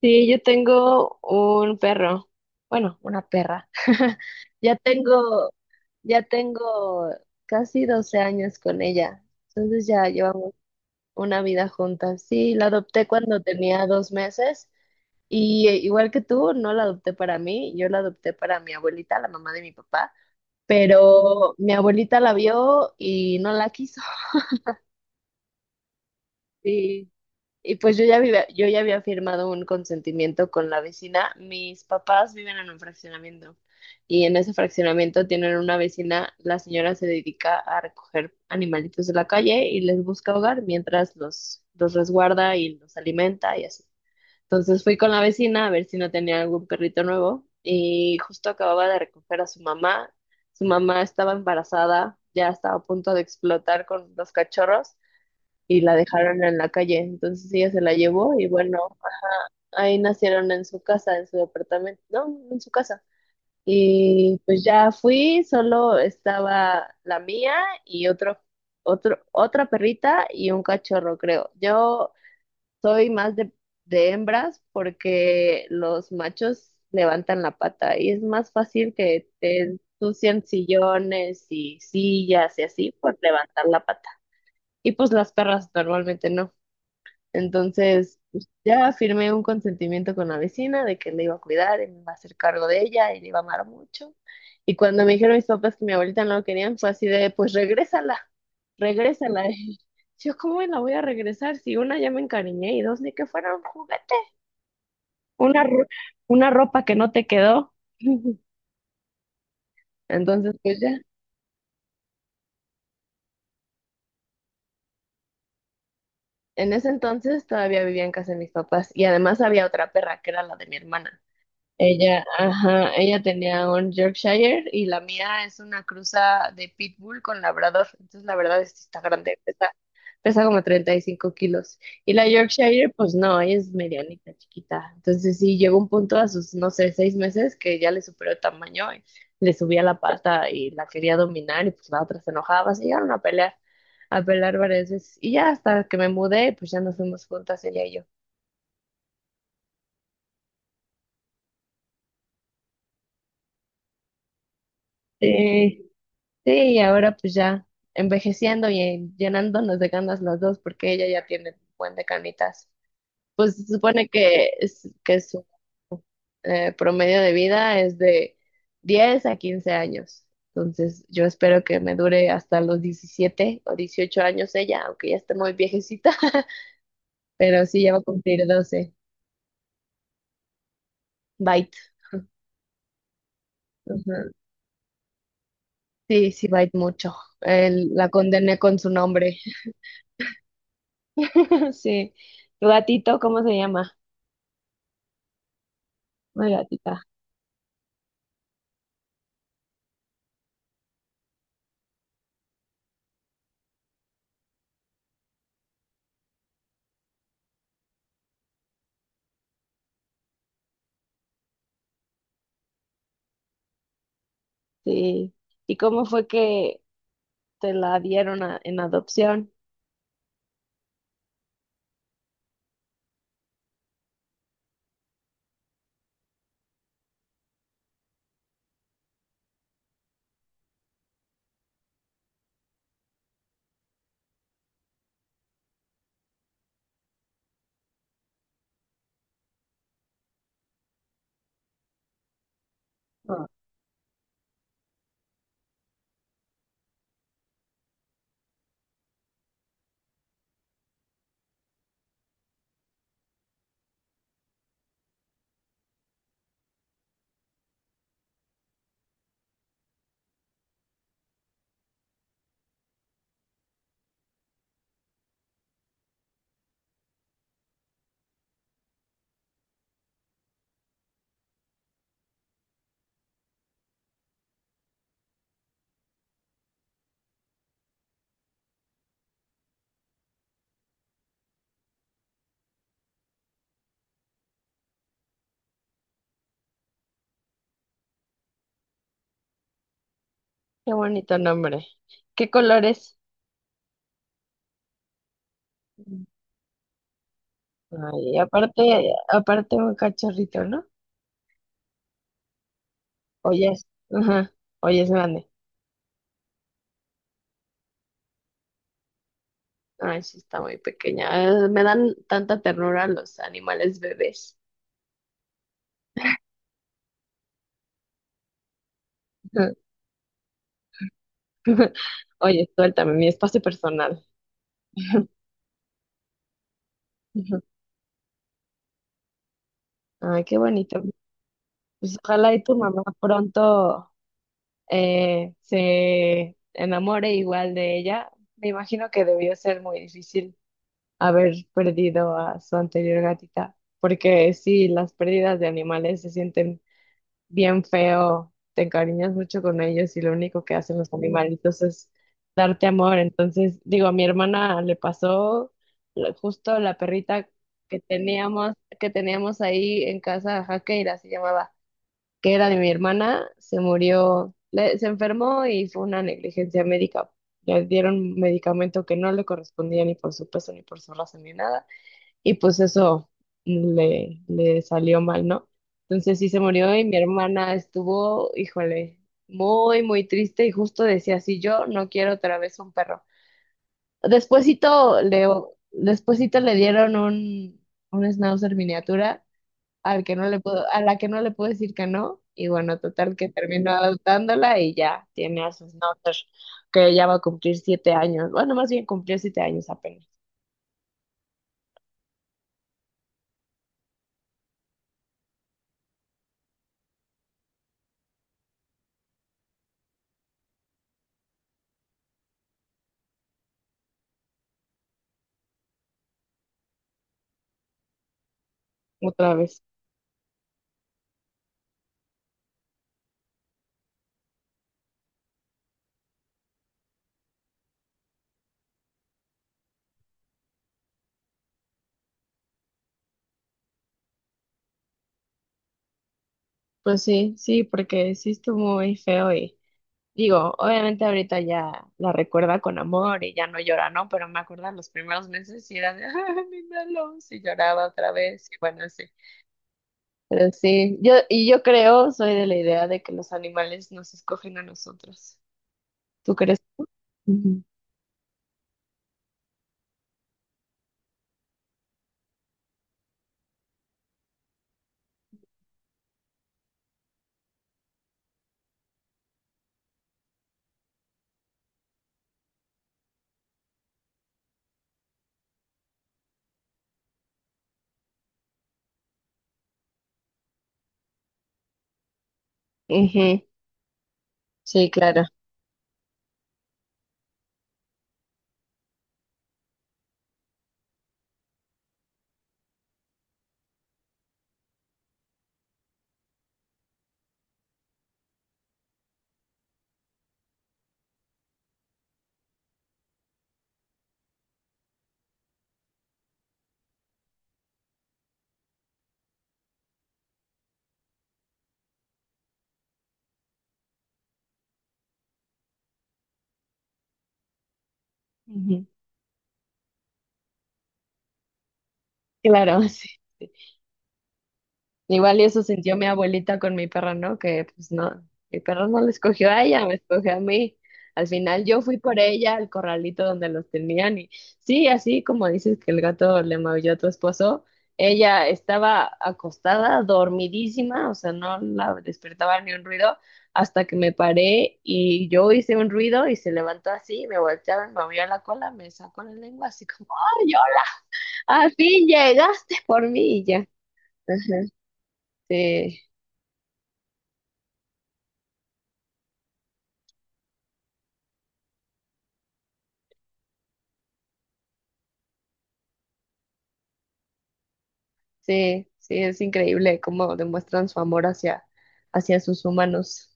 Sí, yo tengo un perro. Bueno, una perra. Ya tengo, ya tengo casi 12 años con ella. Entonces ya llevamos una vida juntas. Sí, la adopté cuando tenía 2 meses y igual que tú, no la adopté para mí, yo la adopté para mi abuelita, la mamá de mi papá, pero mi abuelita la vio y no la quiso. Y pues yo ya había firmado un consentimiento con la vecina. Mis papás viven en un fraccionamiento y en ese fraccionamiento tienen una vecina. La señora se dedica a recoger animalitos de la calle y les busca hogar mientras los resguarda y los alimenta y así. Entonces fui con la vecina a ver si no tenía algún perrito nuevo y justo acababa de recoger a su mamá. Su mamá estaba embarazada, ya estaba a punto de explotar con los cachorros y la dejaron en la calle. Entonces ella se la llevó y bueno, ahí nacieron en su casa, en su departamento, no, en su casa. Y pues ya fui, solo estaba la mía y otra perrita y un cachorro, creo. Yo soy más de hembras porque los machos levantan la pata y es más fácil que te ensucian sillones y sillas y así por levantar la pata. Y pues las perras normalmente no. Entonces, pues, ya firmé un consentimiento con la vecina de que le iba a cuidar, y me iba a hacer cargo de ella y le iba a amar mucho. Y cuando me dijeron mis papás que mi abuelita no lo querían, fue así de, pues regrésala, regrésala. Y yo, ¿cómo la voy a regresar? Si una, ya me encariñé, y dos, ni que fuera un juguete, una, ro- una ropa que no te quedó. Entonces, pues ya. En ese entonces todavía vivía en casa de mis papás y además había otra perra que era la de mi hermana. Ella, ajá, ella tenía un Yorkshire y la mía es una cruza de Pitbull con Labrador. Entonces, la verdad es que está grande, pesa como 35 kilos. Y la Yorkshire, pues no, ella es medianita, chiquita. Entonces, sí, llegó un punto a sus, no sé, 6 meses, que ya le superó el tamaño, y le subía la pata y la quería dominar y pues la otra se enojaba. Se llegaron a pelear varias veces. Y ya hasta que me mudé, pues ya nos fuimos juntas ella y yo. Sí. Sí, y ahora pues ya envejeciendo y llenándonos de ganas los dos, porque ella ya tiene un buen de canitas. Pues se supone que su promedio de vida es de 10 a 15 años. Entonces yo espero que me dure hasta los 17 o 18 años ella, aunque ya esté muy viejecita. Pero sí, ya va a cumplir 12. Bite. Ujú. Sí, sí, bite mucho. La condené con su nombre. Sí. ¿Tu gatito cómo se llama? Una gatita. Sí. ¿Y cómo fue que te la dieron en adopción? Ah, qué bonito nombre. ¿Qué colores? Ay, y aparte, aparte un cachorrito, ¿no? Oye, es, ajá, oye, es grande. Ay, sí, está muy pequeña. Me dan tanta ternura los animales bebés. Ajá. Oye, suéltame, mi espacio personal. Ujú. Ay, qué bonito. Pues ojalá y tu mamá pronto se enamore igual de ella. Me imagino que debió ser muy difícil haber perdido a su anterior gatita, porque sí, las pérdidas de animales se sienten bien feo, te encariñas mucho con ellos y lo único que hacen los animalitos es darte amor. Entonces, digo, a mi hermana le pasó justo la perrita que teníamos, que teníamos ahí en casa, Jaqueira se llamaba, que era de mi hermana, se murió, se enfermó y fue una negligencia médica. Le dieron medicamento que no le correspondía ni por su peso, ni por su raza, ni nada. Y pues eso le salió mal, ¿no? Entonces sí se murió y mi hermana estuvo, híjole, muy, muy triste y justo decía, sí, yo no quiero otra vez un perro. Despuésito le, despuésito le dieron un schnauzer miniatura al que no le puedo, a la que no le puedo decir que no, y bueno, total que termino adoptándola y ya tiene a sus notas, que ya va a cumplir 7 años, bueno, más bien cumplió 7 años apenas, otra vez. Pues sí, sí, porque sí estuvo muy feo y digo, obviamente ahorita ya la recuerda con amor y ya no llora, ¿no? Pero me acuerdo los primeros meses y era de, ay, mi Melons", y lloraba otra vez y bueno, sí. Pero sí, yo, y yo creo, soy de la idea de que los animales nos escogen a nosotros. ¿Tú crees? Ujú, ujú, sí, claro. Ujú. Claro, sí, sí. Igual y eso sintió mi abuelita con mi perro, ¿no? Que pues no, mi perro no le escogió a ella, me escogió a mí. Al final yo fui por ella al corralito donde los tenían y sí, así como dices que el gato le maulló a tu esposo, ella estaba acostada, dormidísima, o sea, no la despertaba ni un ruido hasta que me paré y yo hice un ruido y se levantó así, me voltearon, me movió la cola, me sacó la lengua así como ¡ay! Al fin llegaste por mí y ya. Ajá. Sí, sí, sí, es increíble cómo demuestran su amor hacia, hacia sus humanos.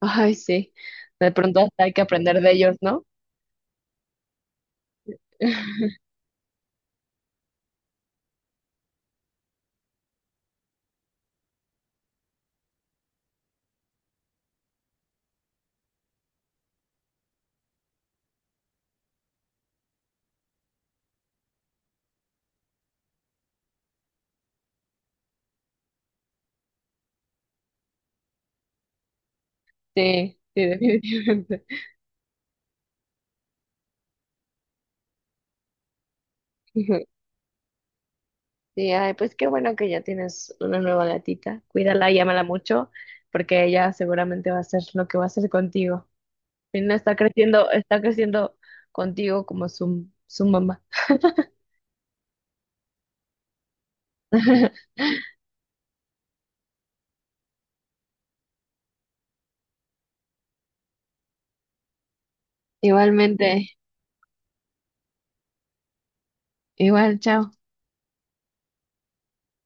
Ay, sí. De pronto hasta hay que aprender de ellos, ¿no? Sí, sí, definitivamente. Ujú. Sí, ay, pues qué bueno que ya tienes una nueva gatita. Cuídala y ámala mucho, porque ella seguramente va a hacer lo que va a hacer contigo. Y no está creciendo, está creciendo contigo como su mamá. Igualmente, igual, chao.